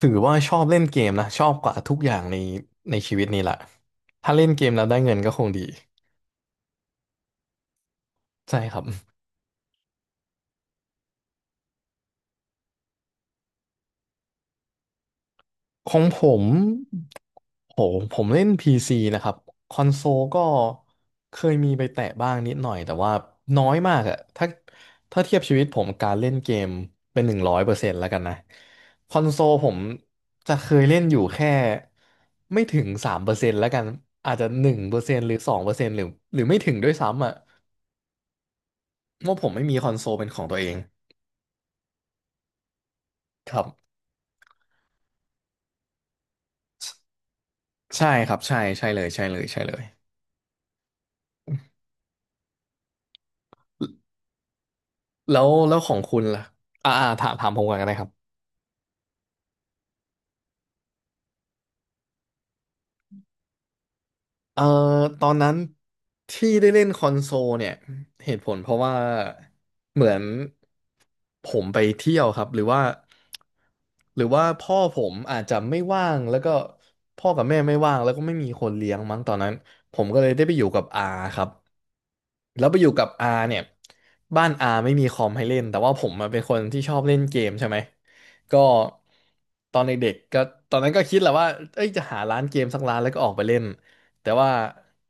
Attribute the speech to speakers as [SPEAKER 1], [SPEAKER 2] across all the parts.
[SPEAKER 1] ถือว่าชอบเล่นเกมนะชอบกว่าทุกอย่างในชีวิตนี้แหละถ้าเล่นเกมแล้วได้เงินก็คงดีใช่ครับของผมโหผมเล่น PC นะครับคอนโซลก็เคยมีไปแตะบ้างนิดหน่อยแต่ว่าน้อยมากอะถ้าเทียบชีวิตผมการเล่นเกมเป็นหนึ่งร้อยเปอร์เซ็นต์แล้วกันนะคอนโซลผมจะเคยเล่นอยู่แค่ไม่ถึงสามเปอร์เซ็นต์แล้วกันอาจจะหนึ่งเปอร์เซ็นต์หรือสองเปอร์เซ็นต์หรือไม่ถึงด้วยซ้ำอะ ว่าผมไม่มีคอนโซลเป็นของตัวเองครับใช่ครับ ใช่ ใช่เลย ใช่เลยใช่เลยแล้วของคุณล่ะถามผมก่อนก็ได้ครับ เอ่อตอนนั้นที่ได้เล่นคอนโซลเนี่ยเหตุผลเพราะว่าเหมือนผมไปเที่ยวครับหรือว่าพ่อผมอาจจะไม่ว่างแล้วก็พ่อกับแม่ไม่ว่างแล้วก็ไม่มีคนเลี้ยงมั้งตอนนั้นผมก็เลยได้ไปอยู่กับอาครับแล้วไปอยู่กับอาเนี่ยบ้านอาไม่มีคอมให้เล่นแต่ว่าผมมาเป็นคนที่ชอบเล่นเกมใช่ไหมก็ตอนเด็กๆก็ตอนนั้นก็คิดแหละว่าเอ้ยจะหาร้านเกมสักร้านแล้วก็ออกไปเล่น แต่ว่า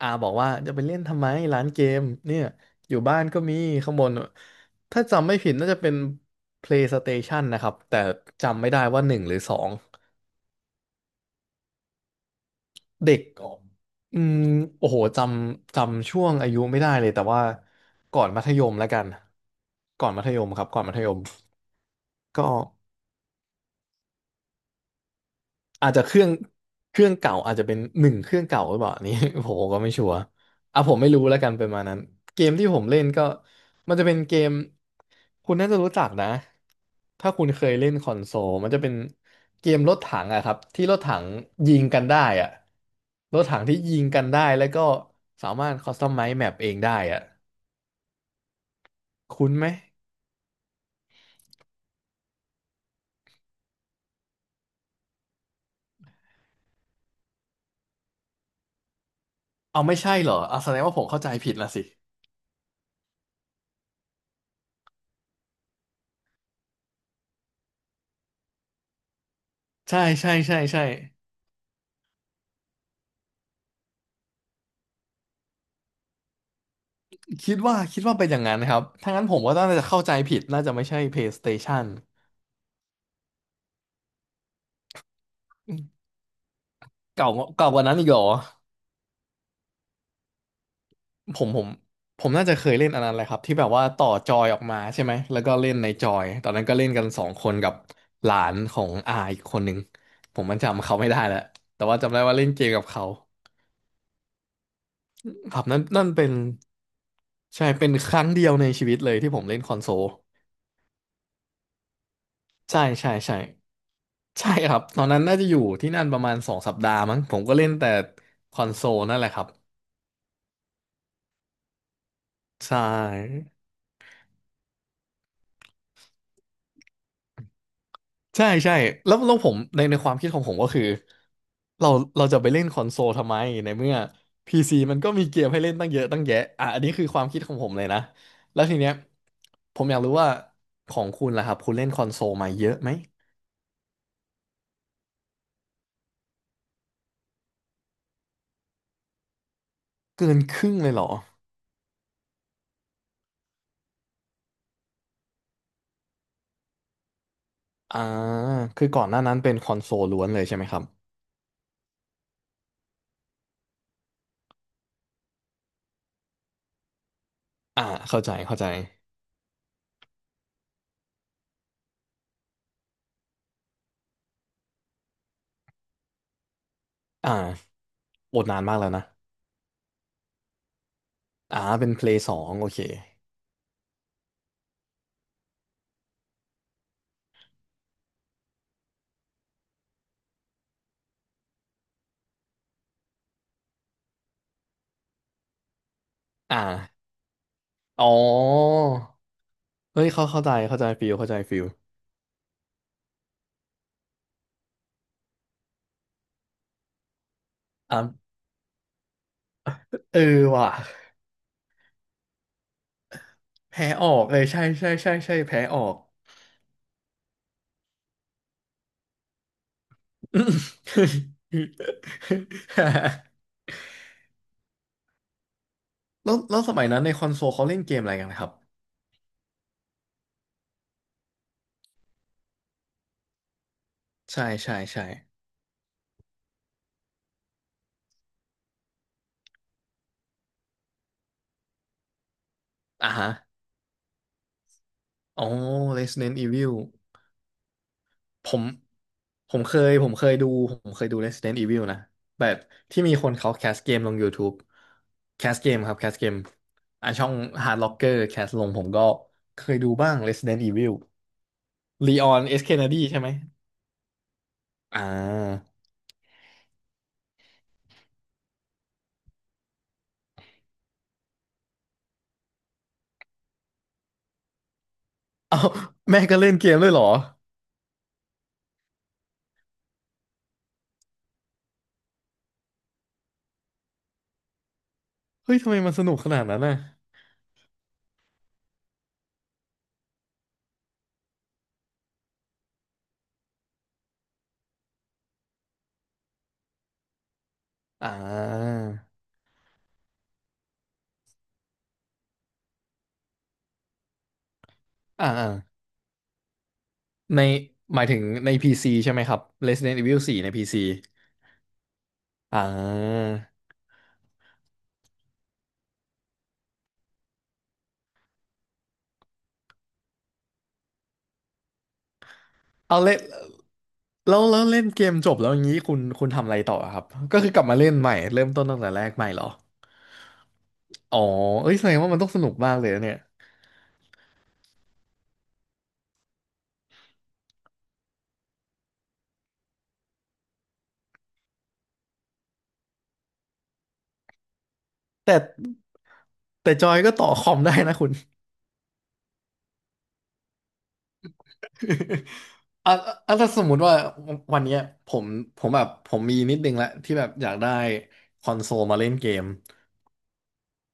[SPEAKER 1] อาบอกว่าจะไปเล่นทำไมร้านเกมเนี่ยอยู่บ้านก็มีข้างบนถ้าจำไม่ผิดน่าจะเป็น PlayStation นะครับแต่จำไม่ได้ว่าหนึ่งหรือสองเด็กอออืมโอ้โหจำช่วงอายุไม่ได้เลยแต่ว่าก่อนมัธยมแล้วกันก่อนมัธยมครับก่อนมัธยมก็ อาจจะเครื่องเก่าอาจจะเป็นหนึ่งเครื่องเก่าหรือเปล่าอันนี้ ผมก็ไม่ชัวร์อ่ะผมไม่รู้แล้วกันประมาณนั้นเกมที่ผมเล่นก็มันจะเป็นเกมคุณน่าจะรู้จักนะถ้าคุณเคยเล่นคอนโซลมันจะเป็นเกมรถถังอะครับที่รถถังยิงกันได้อะรถถังที่ยิงกันได้แล้วก็สามารถคอสตอมไมซ์แมปเองได้อะคุ้นไหมเอาไม่ใช่เหรอเอาแสดงว่าผมเข้าใจผิดละสิใช่ใช่ใช่ใช่ คิดว่าเป็นอย่างนั้นนะครับ ถ้างั้นผมก็น่าจะเข้าใจผิดน่าจะไม่ใช่ PlayStation อืมเก่าเก่ากว่านั้นอีกเหรอผมผมผมน่าจะเคยเล่นอันนั้นแหละครับที่แบบว่าต่อจอยออกมาใช่ไหมแล้วก็เล่นในจอยตอนนั้นก็เล่นกันสองคนกับหลานของอาอีกคนหนึ่ง ผมมันจำเขาไม่ได้แล้ว แต่ว่าจำได้ว่าเล่นเกมกับเขาครับนั่นเป็นใช่เป็นครั้งเดียวในชีวิตเลยที่ผมเล่นคอนโซลใช่ใช่ใช่ ใช่ครับตอนนั้นน่าจะอยู่ที่นั่นประมาณสองสัปดาห์มั้งผมก็เล่นแต่คอนโซลนั่นแหละครับใช่ใช่ใช่แล้วผมในความคิดของผมก็คือเราเราจะไปเล่นคอนโซลทำไมในเมื่อ PC มันก็มีเกมให้เล่นตั้งเยอะตั้งแยะอ่ะอันนี้คือความคิดของผมเลยนะแล้วทีเนี้ยผมอยากรู้ว่าของคุณล่ะครับคุณเล่นคอนโซลมาเยอะไหมเกินครึ่งเลยเหรออ่าคือก่อนหน้านั้นเป็นคอนโซลล้วนเลยใช่ไหมครับอ่าเข้าใจเข้าใจอ่าอดนานมากแล้วนะ อ่าเป็นเพลย์สองโอเคอ่าอ๋อเฮ้ยเข้าเข้าใจเข้าใจฟิลเข้าใจฟิลอ่าเออว่ะแพ้ออกเลยใช่ใช่ใช่ใช่แพ้ออก แล้วสมัยนั้นในคอนโซลเขาเล่นเกมอะไรกันครับใช่ใช่ใช่อ่าฮะอ๋อ Resident Evil ผมผมเคยผมเคยดู Resident Evil นะแบบที่มีคนเขาแคสเกมลง YouTube แคสเกมครับแคสเกมอ่ะช่อง Hard Locker แคสลงผมก็เคยดูบ้าง Resident Evil Leon S. Kennedy ใช่ไหมอ่าเอาแม่ก็เล่นเกมด้วยเหรอเฮ้ยทำไมมันสนุกขนาดนั้นน่ะอ่าอ่าอ่าในหมายถึงใน PC ใช่ไหมครับ Resident Evil 4ใน PC อ่า เอาเล่นแล้วเล่นเกมจบแล้วอย่างนี้คุณทำอะไรต่อครับก็คือกลับมาเล่นใหม่เริ่มต้นตั้งแต่แรกใหม่เหรออ๋อเอ้ยแสดงว่ามันต้องสนุกมากเลยนะเนี่ยแต่แต่จอยก็ต่อคอมได้นะคุณ อ่ะอ่ะถ้าสมมุติว่าวันเนี้ยผมผมแบบผมมีนิดนึงละที่แบบอยากได้คอนโซลมาเล่นเกม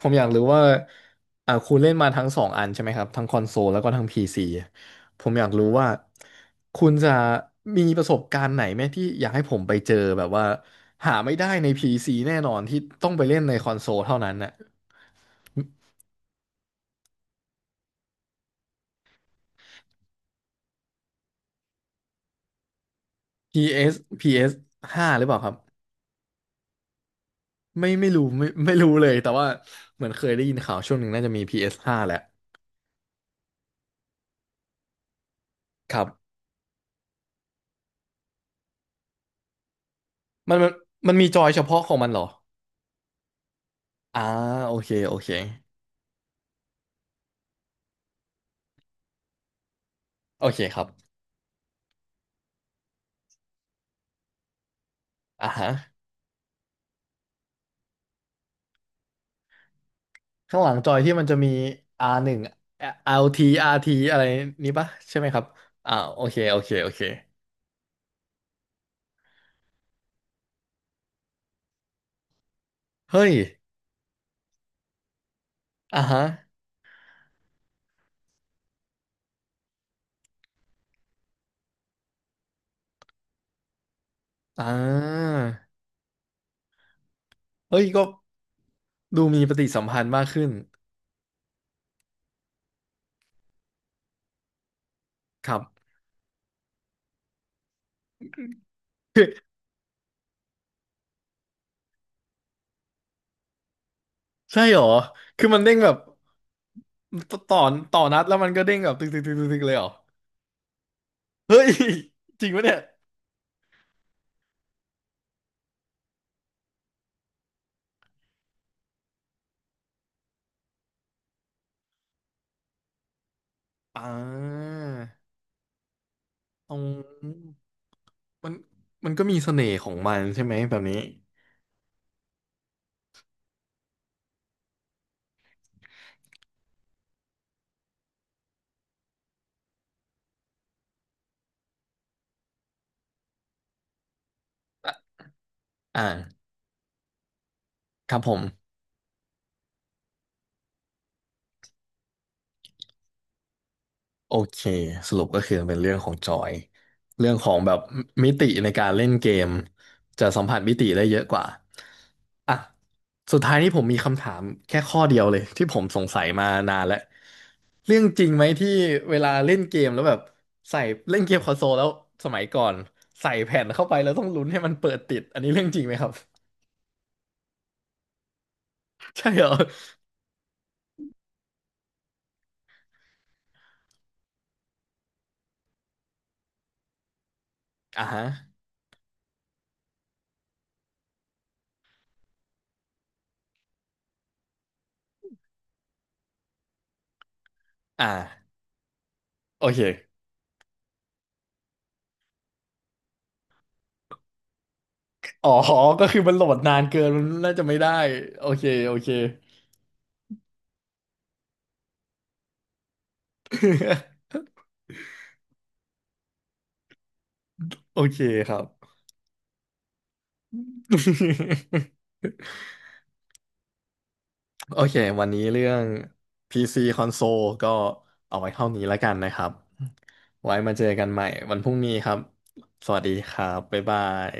[SPEAKER 1] ผมอยากรู้ว่าคุณเล่นมาทั้งสองอันใช่ไหมครับทั้งคอนโซลแล้วก็ทั้ง PC ผมอยากรู้ว่าคุณจะมีประสบการณ์ไหมที่อยากให้ผมไปเจอแบบว่าหาไม่ได้ใน PC แน่นอนที่ต้องไปเล่นในคอนโซลเท่านั้นน่ะ PS อสพีเอสห้าหรือเปล่าครับไม่รู้ไม่รู้เลยแต่ว่าเหมือนเคยได้ยินข่าวช่วงหนึ่งน่าจะมี PS ห้าแหละครับมันมันมันมีจอยเฉพาะของมันเหรออ่าโอเคโอเคโอเคครับอ่าฮะ ข้างหลังจอยที่มันจะมี R หนึ่ง LT RT อาร์ทีอะไรนี้ปะใช่ไหมครับอ่าโอเคโอเคโอเคเฮ้ยอ่าฮะอ่าเฮ้ยก็ดูมีปฏิสัมพันธ์มากขึ้นครับคือใช่เหรอคือมันเด้งแบบตต่อต่อนัดแล้วมันก็เด้งแบบตึกตึกตึกตึกตึกเลยเหรอเฮ้ยจริงปะเนี่ยอ่าเอามันมันก็มีเสน่ห์ของมันใช่ไหมแบบนี้อ่าครับผม โอเคสรุปก็คือเป็นเรื่องของจอยเรื่องของแบบมิติในการเล่นเกมจะสัมผัสมิติได้เยอะกว่าอ่ะสุดท้ายนี้ผมมีคำถามแค่ข้อเดียวเลยที่ผมสงสัยมานานแล้วเรื่องจริงไหมที่เวลาเล่นเกมแล้วแบบใส่เล่นเกมคอนโซลแล้วสมัยก่อนใส่แผ่นเข้าไปแล้วต้องลุ้นให้มันเปิดติดอันนี้เรื่องจริงไหมครับ ใช่เหรออ่าฮะอ่าโอเคอ๋อก็คือมันโหลดนานเกินมันน่าจะไม่ได้โอเคโอเค โอเคครับ โอเควันนี้เรื่อง PC คอนโซลก็เอาไว้เท่านี้แล้วกันนะครับไว้มาเจอกันใหม่วันพรุ่งนี้ครับสวัสดีครับบ๊ายบาย